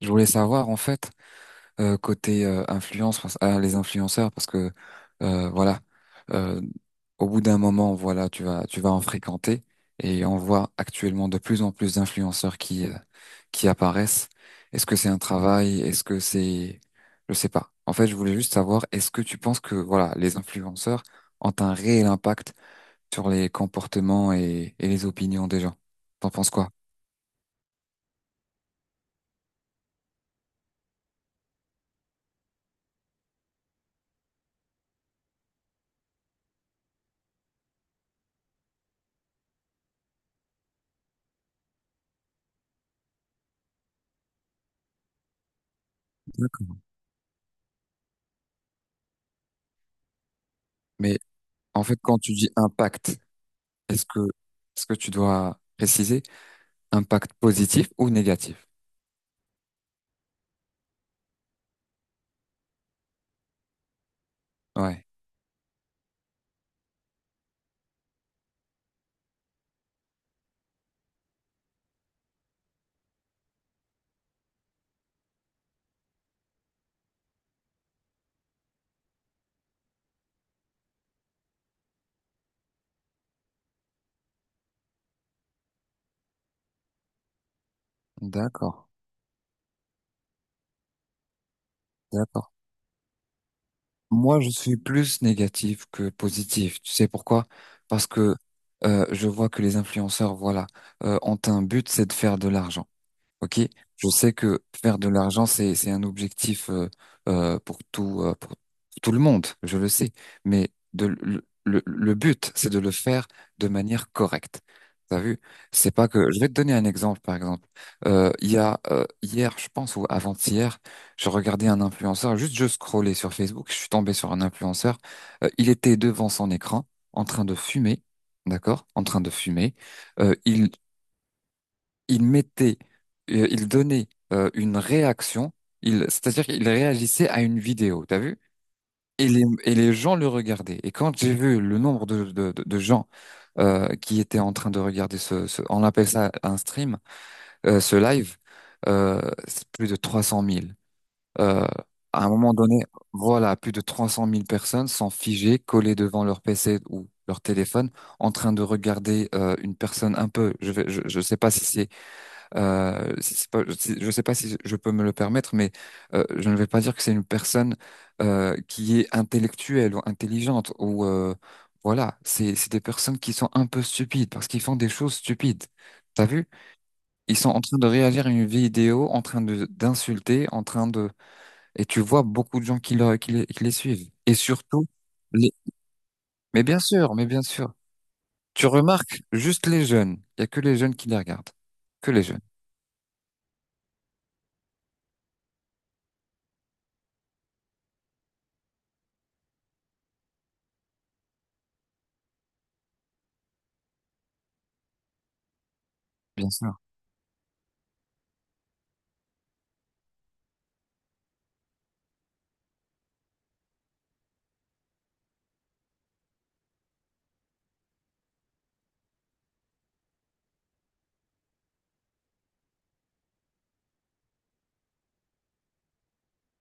Je voulais savoir en fait, côté influence ah, les influenceurs parce que voilà, euh, au bout d'un moment, voilà, tu vas en fréquenter, et on voit actuellement de plus en plus d'influenceurs qui apparaissent. Est-ce que c'est un travail? Est-ce que c'est, je sais pas. En fait, je voulais juste savoir, est-ce que tu penses que, voilà, les influenceurs ont un réel impact sur les comportements et les opinions des gens? T'en penses quoi? Mais en fait, quand tu dis impact. Est-ce que, est-ce que tu dois préciser, impact positif ou négatif? Ouais, d'accord, d'accord. Moi, je suis plus négatif que positif. Tu sais pourquoi? Parce que je vois que les influenceurs, voilà, ont un but, c'est de faire de l'argent. Ok, je sais que faire de l'argent, c'est un objectif, pour tout, pour tout le monde, je le sais. Mais le but, c'est de le faire de manière correcte. T'as vu? C'est pas, que je vais te donner un exemple, par exemple. Il y a, hier, je pense, ou avant-hier, je regardais un influenceur. Juste, je scrollais sur Facebook, je suis tombé sur un influenceur. Il était devant son écran, en train de fumer, d'accord? En train de fumer. Euh, il il mettait, il donnait une réaction, il, c'est-à-dire qu'il réagissait à une vidéo, t'as vu? Et les gens le regardaient. Et quand j'ai vu le nombre de gens qui étaient en train de regarder ce, on appelle ça un stream, ce live, euh, c'est plus de 300 000. Euh, à un moment donné, voilà, plus de 300 000 personnes sont figées, collées devant leur PC ou leur téléphone, en train de regarder une personne un peu, je sais pas si c'est, je ne sais pas si je peux me le permettre, mais je ne vais pas dire que c'est une personne qui est intellectuelle ou intelligente, ou voilà. C'est des personnes qui sont un peu stupides parce qu'ils font des choses stupides. T'as vu? Ils sont en train de réagir à une vidéo, en train de d'insulter, en train de, et tu vois beaucoup de gens qui les suivent. Et surtout, les... mais bien sûr, mais bien sûr. Tu remarques juste les jeunes. Il y a que les jeunes qui les regardent, que les jeunes, bien sûr.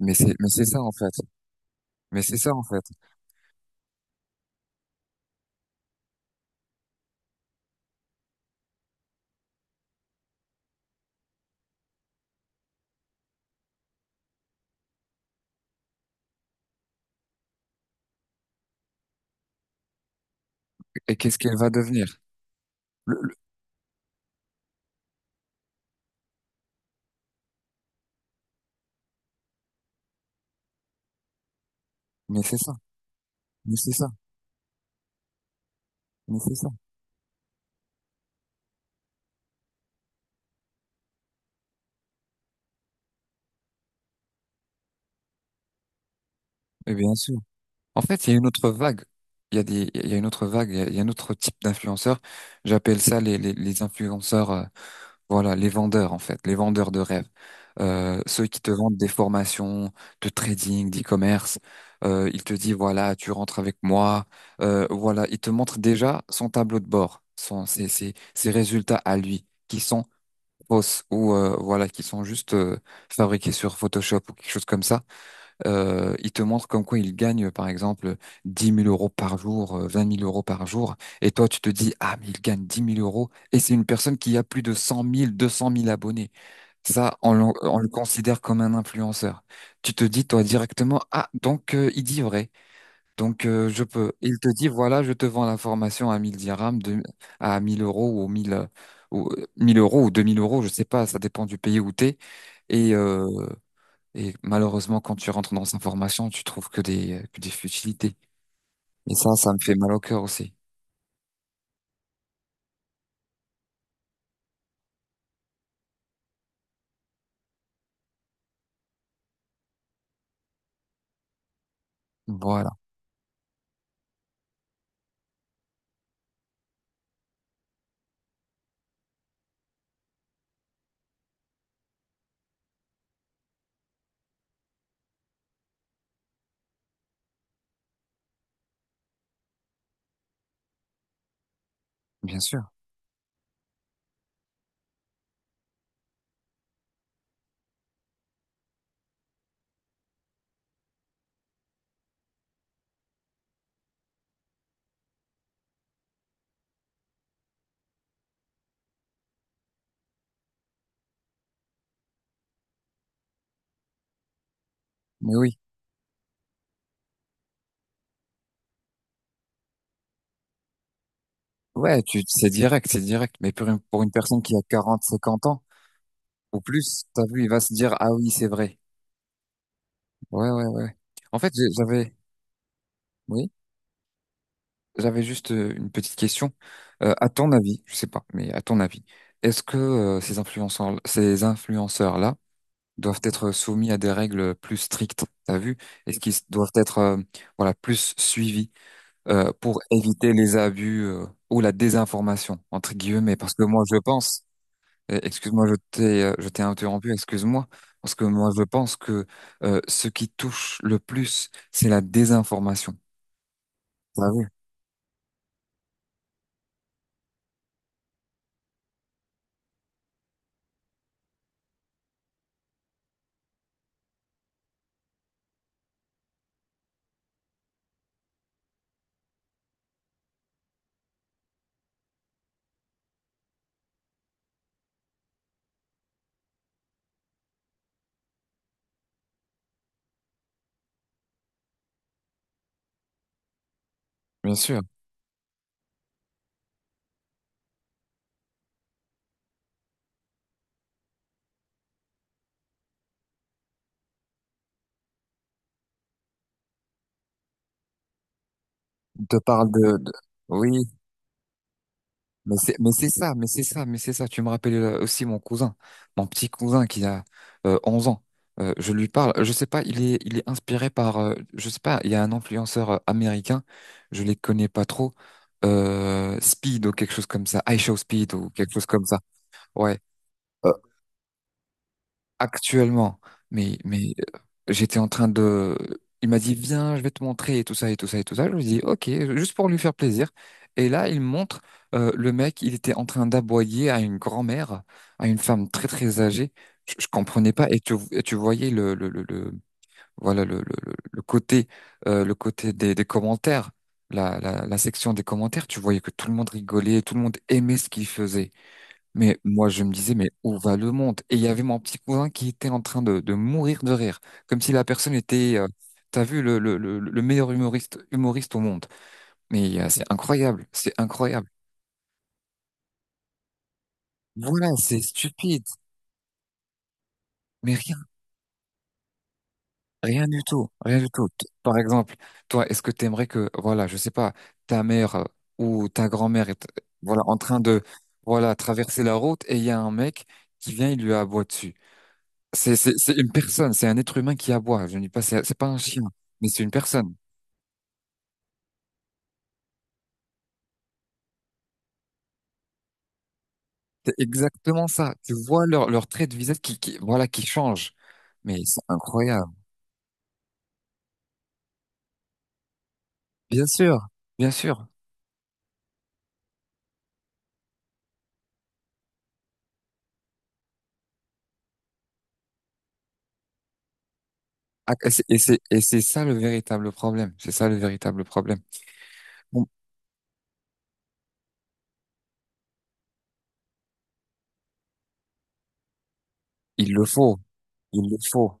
Mais c'est ça en fait. Mais c'est ça en fait. Et qu'est-ce qu'elle va devenir? Le- le- Mais c'est ça, mais c'est ça, mais c'est ça. Et bien sûr. En fait, il y a une autre vague. Il y a une autre vague. Il y a un autre type d'influenceurs. J'appelle ça les influenceurs. Voilà, les vendeurs en fait, les vendeurs de rêves. Ceux qui te vendent des formations de trading, d'e-commerce. Ils te disent, voilà, tu rentres avec moi. Voilà, ils te montrent déjà son tableau de bord, son, ses résultats à lui, qui sont fausses, ou voilà, qui sont juste fabriquées sur Photoshop ou quelque chose comme ça. Ils te montrent comme quoi ils gagnent par exemple 10 000 euros par jour, 20 000 euros par jour, et toi tu te dis, ah, mais il gagne 10 000 euros et c'est une personne qui a plus de 100 000, 200 000 abonnés. Ça, on le considère comme un influenceur. Tu te dis toi directement, ah, donc, il dit vrai. Donc, je peux. Il te dit, voilà, je te vends la formation à 1 000 dirhams, à 1 000 euros, ou 1 000, ou 1 000 euros, ou 2 000 euros, je sais pas, ça dépend du pays où t'es. Et, euh, et malheureusement, quand tu rentres dans sa formation, tu trouves que des futilités. Et ça me fait mal au cœur aussi. Voilà, bien sûr. Mais oui. Ouais, tu, c'est direct, c'est direct. Mais pour une personne qui a 40, 50 ans ou plus, t'as vu, il va se dire, ah oui, c'est vrai. Ouais, ouais, ouais. En fait, j'avais, oui. J'avais juste une petite question. À ton avis, je sais pas, mais à ton avis, est-ce que ces influenceurs, ces influenceurs-là doivent être soumis à des règles plus strictes, t'as vu? Est-ce qu'ils doivent être, voilà, plus suivis, pour éviter les abus, ou la désinformation entre guillemets? Parce que moi, je pense, excuse-moi, je t'ai interrompu, excuse-moi, parce que moi, je pense que, ce qui touche le plus, c'est la désinformation. T'as vu? Bien sûr. On te parle oui, mais c'est ça, mais c'est ça, mais c'est ça. Tu me rappelles aussi mon cousin, mon petit cousin qui a 11 ans. Je lui parle, je sais pas, il est inspiré par, je sais pas, il y a un influenceur américain, je les connais pas trop, Speed ou quelque chose comme ça, I Show Speed ou quelque chose comme ça. Ouais, actuellement. Mais j'étais en train de. Il m'a dit, viens, je vais te montrer, et tout ça et tout ça et tout ça. Je lui dis, ok, juste pour lui faire plaisir. Et là, il montre, le mec, il était en train d'aboyer à une grand-mère, à une femme très très âgée. Je comprenais pas. Et tu voyais voilà le côté, le côté des commentaires, la section des commentaires. Tu voyais que tout le monde rigolait, tout le monde aimait ce qu'il faisait. Mais moi, je me disais, mais où va le monde? Et il y avait mon petit cousin qui était en train de mourir de rire, comme si la personne était, t'as vu, le meilleur humoriste, humoriste au monde. Mais c'est incroyable, c'est incroyable. Voilà, c'est stupide, mais rien, rien du tout, rien du tout. Par exemple, toi, est-ce que t'aimerais que, voilà, je sais pas, ta mère, ou ta grand-mère est, voilà, en train de, voilà, traverser la route, et il y a un mec qui vient, il lui aboie dessus. C'est une personne, c'est un être humain qui aboie. Je ne dis pas, c'est pas un chien, mais c'est une personne. C'est exactement ça. Tu vois leur trait de visage qui, voilà, qui change. Mais c'est incroyable. Bien sûr, bien sûr. Ah, et c'est ça le véritable problème. C'est ça le véritable problème. Bon, il le faut, il le faut,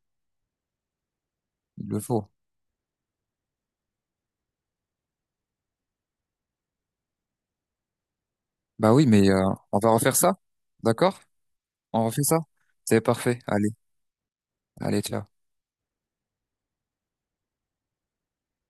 il le faut. Bah oui, mais on va refaire ça, d'accord? On refait ça? C'est parfait. Allez, allez, ciao.